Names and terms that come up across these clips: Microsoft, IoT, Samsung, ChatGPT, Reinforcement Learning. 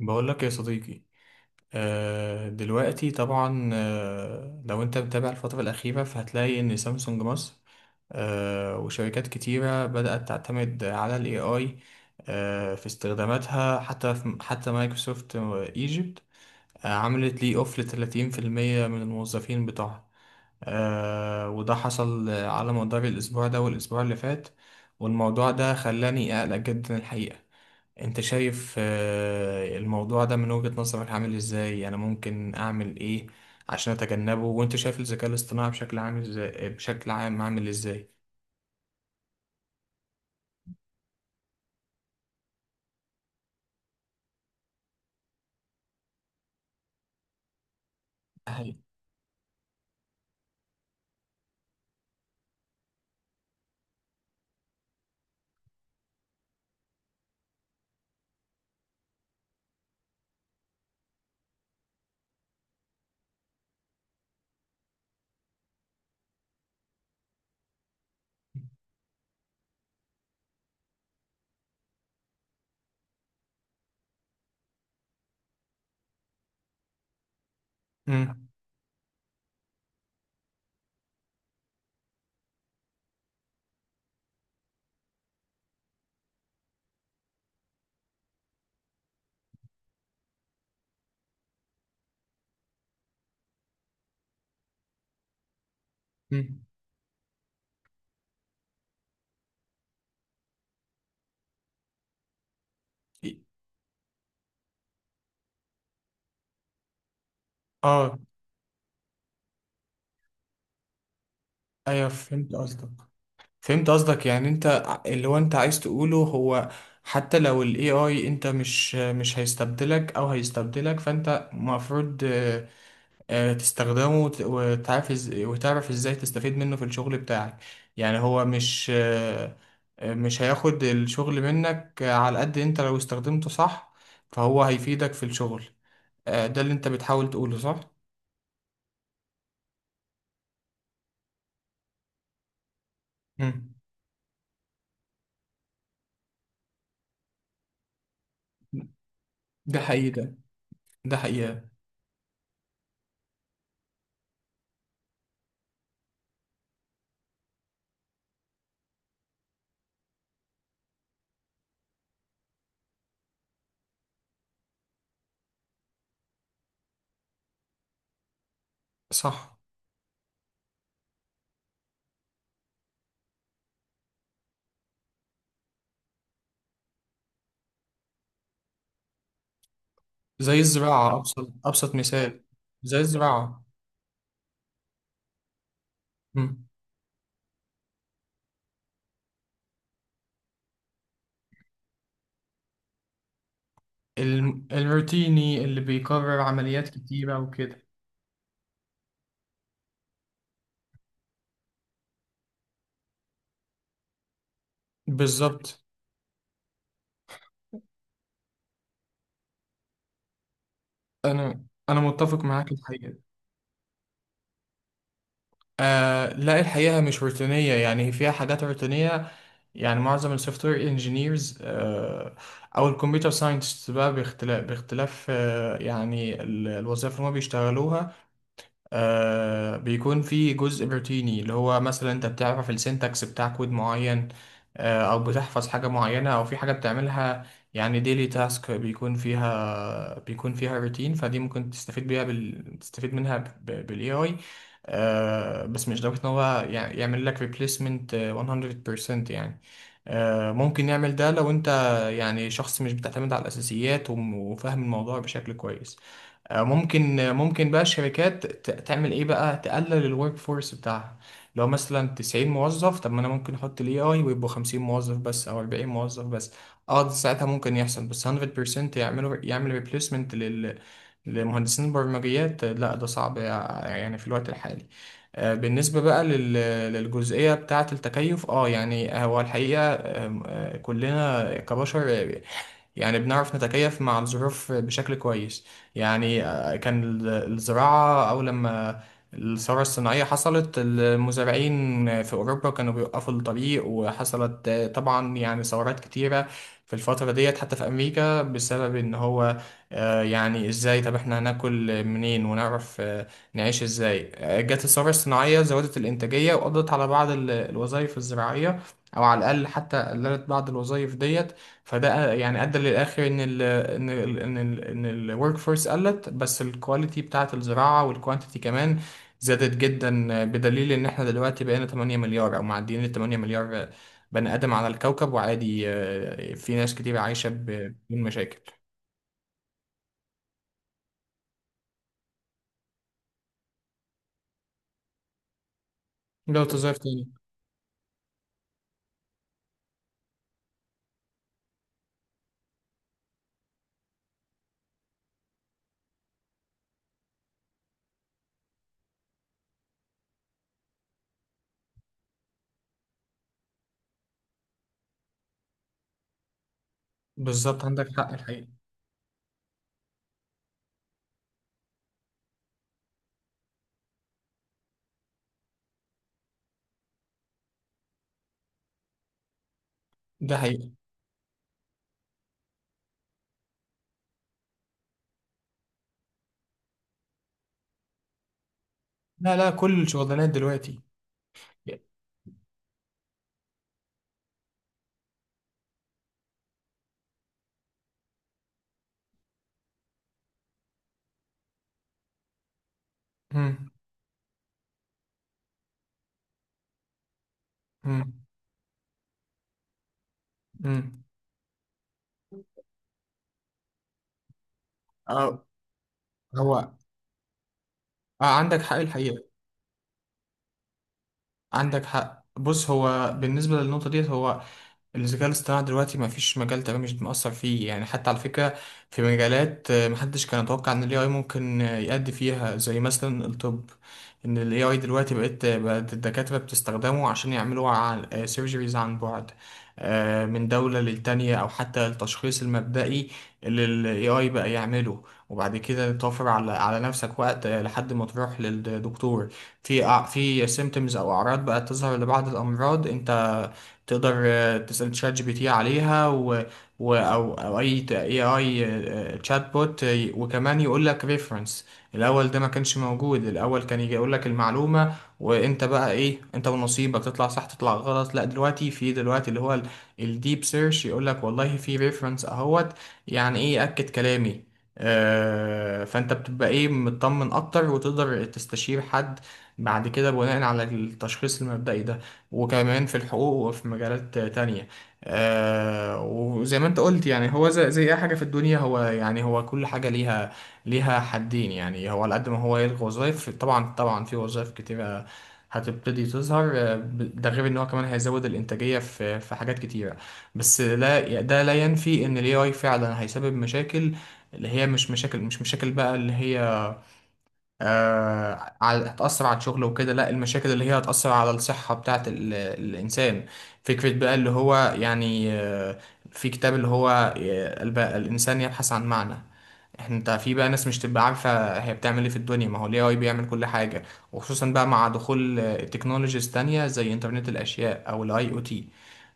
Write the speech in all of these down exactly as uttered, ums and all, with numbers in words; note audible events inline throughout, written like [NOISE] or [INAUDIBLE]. بقول لك يا صديقي. آه، دلوقتي طبعا، آه، لو انت متابع الفترة الأخيرة فهتلاقي إن سامسونج مصر، آه، وشركات كتيرة بدأت تعتمد على ال إيه آي آه، في استخداماتها، حتى في حتى مايكروسوفت آه، ايجيبت آه، عملت لي اوف لتلاتين في المية من الموظفين بتوعها، آه، وده حصل على مدار الأسبوع ده والأسبوع اللي فات. والموضوع ده خلاني أقلق جدا الحقيقة. انت شايف آه، الموضوع ده من وجهة نظرك عامل ازاي؟ انا ممكن اعمل ايه عشان اتجنبه؟ وانت شايف الذكاء الاصطناعي بشكل عام ازاي؟ بشكل عام عامل ازاي؟ هل- مم. مم. اه، ايوه فهمت قصدك. فهمت قصدك، يعني انت ع- اللي هو انت عايز تقوله هو، حتى لو ال أي آي انت مش مش هيستبدلك او هيستبدلك فانت المفروض آه، تستخدمه وت- وتعرف إز- وتعرف ازاي تستفيد منه في الشغل بتاعك. يعني هو مش آه، آه، مش هياخد الشغل منك آه، على قد انت لو استخدمته صح فهو هيفيدك في الشغل. آه، ده اللي انت بتحاول تقوله، صح؟ مم. ده حقيقي ده. ده حقيقة. صح. زي الزراعة، أبسط أبسط مثال. زي الزراعة. مم. الم- الروتيني اللي بيكرر عمليات كتيرة وكده. بالظبط. أنا أنا متفق معاك الحقيقة. آه لا الحقيقة مش روتينية، يعني هي فيها حاجات روتينية. يعني معظم السوفت وير انجينيرز آه، أو الكمبيوتر ساينتست بقى، باختلاف باختلاف آه يعني ال- الوظائف اللي هم بيشتغلوها، آه بيكون في جزء روتيني، اللي هو مثلا انت بتعرف السنتكس بتاع كود معين، آه او بتحفظ حاجة معينة او في حاجة بتعملها. يعني ديلي تاسك بيكون فيها بيكون فيها روتين، فدي ممكن تستفيد بيها بال... تستفيد منها بالاي اي. آه بس مش لدرجة ان هو يع- يعمل لك ريبليسمنت مية في المية يعني. آه ممكن يعمل ده لو انت يعني شخص مش بتعتمد على الاساسيات وم- وفاهم الموضوع بشكل كويس. آه، ممكن آه، ممكن بقى الشركات ت- تعمل ايه بقى، تقلل الورك فورس بتاعها. لو مثلا تسعين موظف، طب ما انا ممكن احط الاي اي ويبقوا خمسين موظف بس او أربعين موظف بس. اه ده ساعتها ممكن يحصل. بس مية في المية يعملوا يعمل ريبليسمنت لل، لمهندسين البرمجيات، آه، لا ده صعب يع- يعني في الوقت الحالي. آه، بالنسبة بقى لل- للجزئية بتاعة التكيف، اه يعني هو الحقيقة آم، آه، كلنا كبشر يعني بنعرف نتكيف مع الظروف بشكل كويس. يعني آه، كان ال- الزراعة أو لما الثورة الصناعية حصلت، المزارعين في أوروبا كانوا بيوقفوا الطريق وحصلت آه، طبعا يعني ثورات كتيرة في الفترة ديت، حتى في أمريكا، بسبب إن هو آه، يعني إزاي، طب إحنا هناكل منين ونعرف آه، نعيش إزاي. آه، جت الثورة الصناعية زودت الإنتاجية وقضت على بعض ال- الوظائف الزراعية، أو على الأقل حتى قللت بعض الوظائف ديت. فده يعني ادى للاخر ان ال ان ال ان ال ان الورك فورس قلت، بس الكواليتي بتاعه الزراعه والكوانتيتي كمان زادت جدا، بدليل ان احنا دلوقتي بقينا ثمانية مليار او معديين ال ثمانية مليار بني ادم على الكوكب وعادي، آه، في ناس كتير عايشه ب- بدون مشاكل. ده وظائف تاني. بالظبط عندك حق الحقيقه. ده حقيقي. لا لا، كل الشغلانات دلوقتي. مم. مم. مم. اه. هو آه عندك حق الحقيقة. عندك حق. بص هو بالنسبة للنقطة ديت، هو الذكاء الاصطناعي دلوقتي ما فيش مجال تمام مش مأثر فيه، يعني حتى على فكرة في مجالات آه، محدش كان يتوقع ان ال إيه آي ممكن آه، يأدي فيها، زي مثلا الطب. ان ال إيه آي دلوقتي بقت بقت الدكاترة بتستخدمه عشان يعملوا سيرجريز عن بعد آه، من دولة للتانية، او حتى التشخيص المبدئي اللي ال أي آي بقى يعمله. وبعد كده توفر على على نفسك وقت آه، لحد ما تروح للدكتور. في أع- في سيمتومز او اعراض بقت تظهر لبعض الامراض، انت تقدر آه، تسأل تشات جي بي تي عليها و... و... أو أو أي اي اي تشات بوت آه، وكمان يقول لك ريفرنس. الأول ده ما كانش موجود، الأول كان يجي يقول لك المعلومة وأنت بقى إيه، أنت ونصيبك، تطلع صح تطلع غلط. لا دلوقتي في دلوقتي اللي هو الديب سيرش يقول لك والله في ريفرنس أهوت، يعني إيه أكد كلامي، آه، فانت بتبقى ايه مطمن اكتر وتقدر تستشير حد بعد كده بناء على التشخيص المبدئي ده. وكمان في الحقوق وفي مجالات تانية. آه وزي ما انت قلت يعني هو زي, زي اي حاجة في الدنيا، هو يعني هو كل حاجة ليها، ليها حدين. يعني هو على قد ما هو يلغي وظائف، طبعا طبعا في وظائف كتيرة هتبتدي تظهر، آه، ب- ده غير ان هو كمان هيزود الانتاجية في في حاجات كتيرة. بس لا ده لا ينفي ان الاي اي فعلا هيسبب مشاكل. اللي هي مش مشاكل، مش مشاكل بقى اللي هي آه، على- هتأثر على الشغل وكده، لا، المشاكل اللي هي هتأثر على الصحة بتاعة ال- الإنسان. فكرة بقى اللي هو يعني آه، في كتاب اللي هو آه، الب- الإنسان يبحث عن معنى. احنا انت في بقى ناس مش تبقى عارفة هي بتعمل ايه في الدنيا، ما هو ال إيه آي بيعمل كل حاجة. وخصوصا بقى مع دخول تكنولوجيز تانية زي انترنت الأشياء أو ال آي أو تي.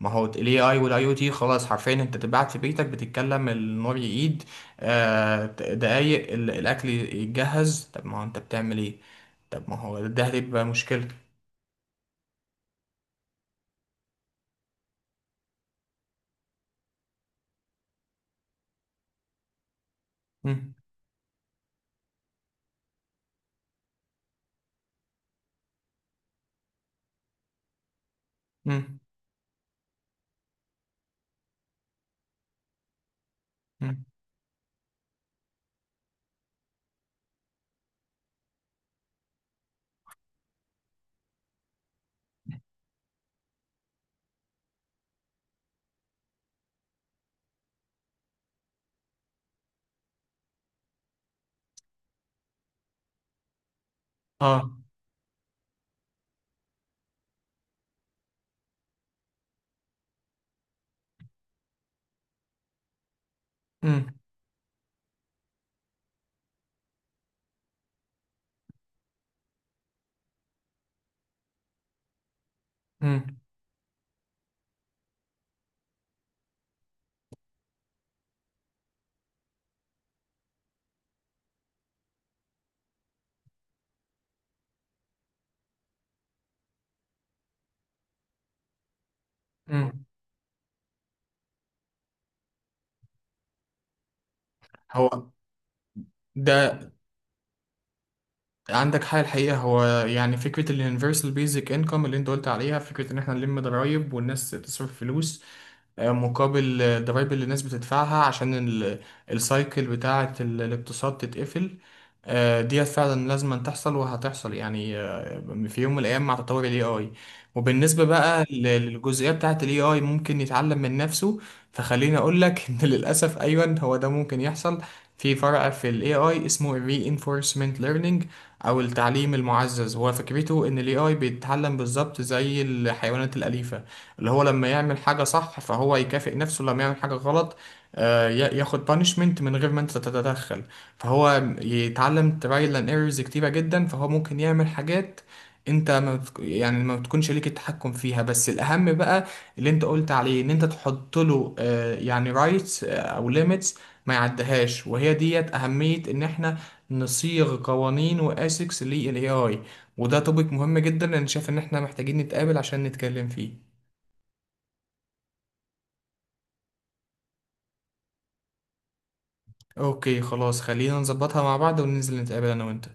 ما هو ال إيه آي وال آي أو تي خلاص حرفيا انت تبعت في بيتك بتتكلم، النور يقيد، آه، دقايق ال- الأكل يتجهز. طب ما هو أنت بتعمل إيه؟ طب ما هو ده هتبقى مشكلة. مم، مم، مم. آه. مم، مم، مم. هو ده. عندك حاجة الحقيقة. هو يعني فكرة ال universal basic income اللي أنت قلت عليها، فكرة إن إحنا نلم ضرايب والناس تصرف فلوس آه، مقابل الضرايب اللي الناس بتدفعها عشان ال- السايكل بتاعة ال- الاقتصاد تتقفل. آه، ديت فعلا لازم أن تحصل وهتحصل يعني، آه، في يوم من الأيام مع تطور ال أي آي. وبالنسبة بقى ل- للجزئية بتاعة ال إيه آي ممكن يتعلم من نفسه، فخليني أقول لك [LAUGHS] إن للأسف أيوة هو ده ممكن يحصل. في فرع في ال إيه آي اسمه ال Reinforcement Learning أو التعليم المعزز. هو فكرته إن ال أي آي بيتعلم بالظبط زي الحيوانات الأليفة، اللي هو لما يعمل حاجة صح فهو يكافئ نفسه، لما يعمل حاجة غلط آه، ي- ياخد بانشمنت من غير ما انت تتدخل. فهو يتعلم ترايل اند ايرورز كتيرة جدا، فهو ممكن يعمل حاجات انت ما بتك... يعني ما بتكونش ليك التحكم فيها. بس الاهم بقى اللي انت قلت عليه، ان انت تحط له آه، يعني رايتس او ليميتس ما يعدهاش. وهي ديت اهمية ان احنا نصيغ قوانين واسكس للاي اي. وده توبيك مهم جدا، انا شايف ان احنا محتاجين نتقابل عشان نتكلم فيه. اوكي خلاص، خلينا نظبطها مع بعض وننزل نتقابل انا وانت.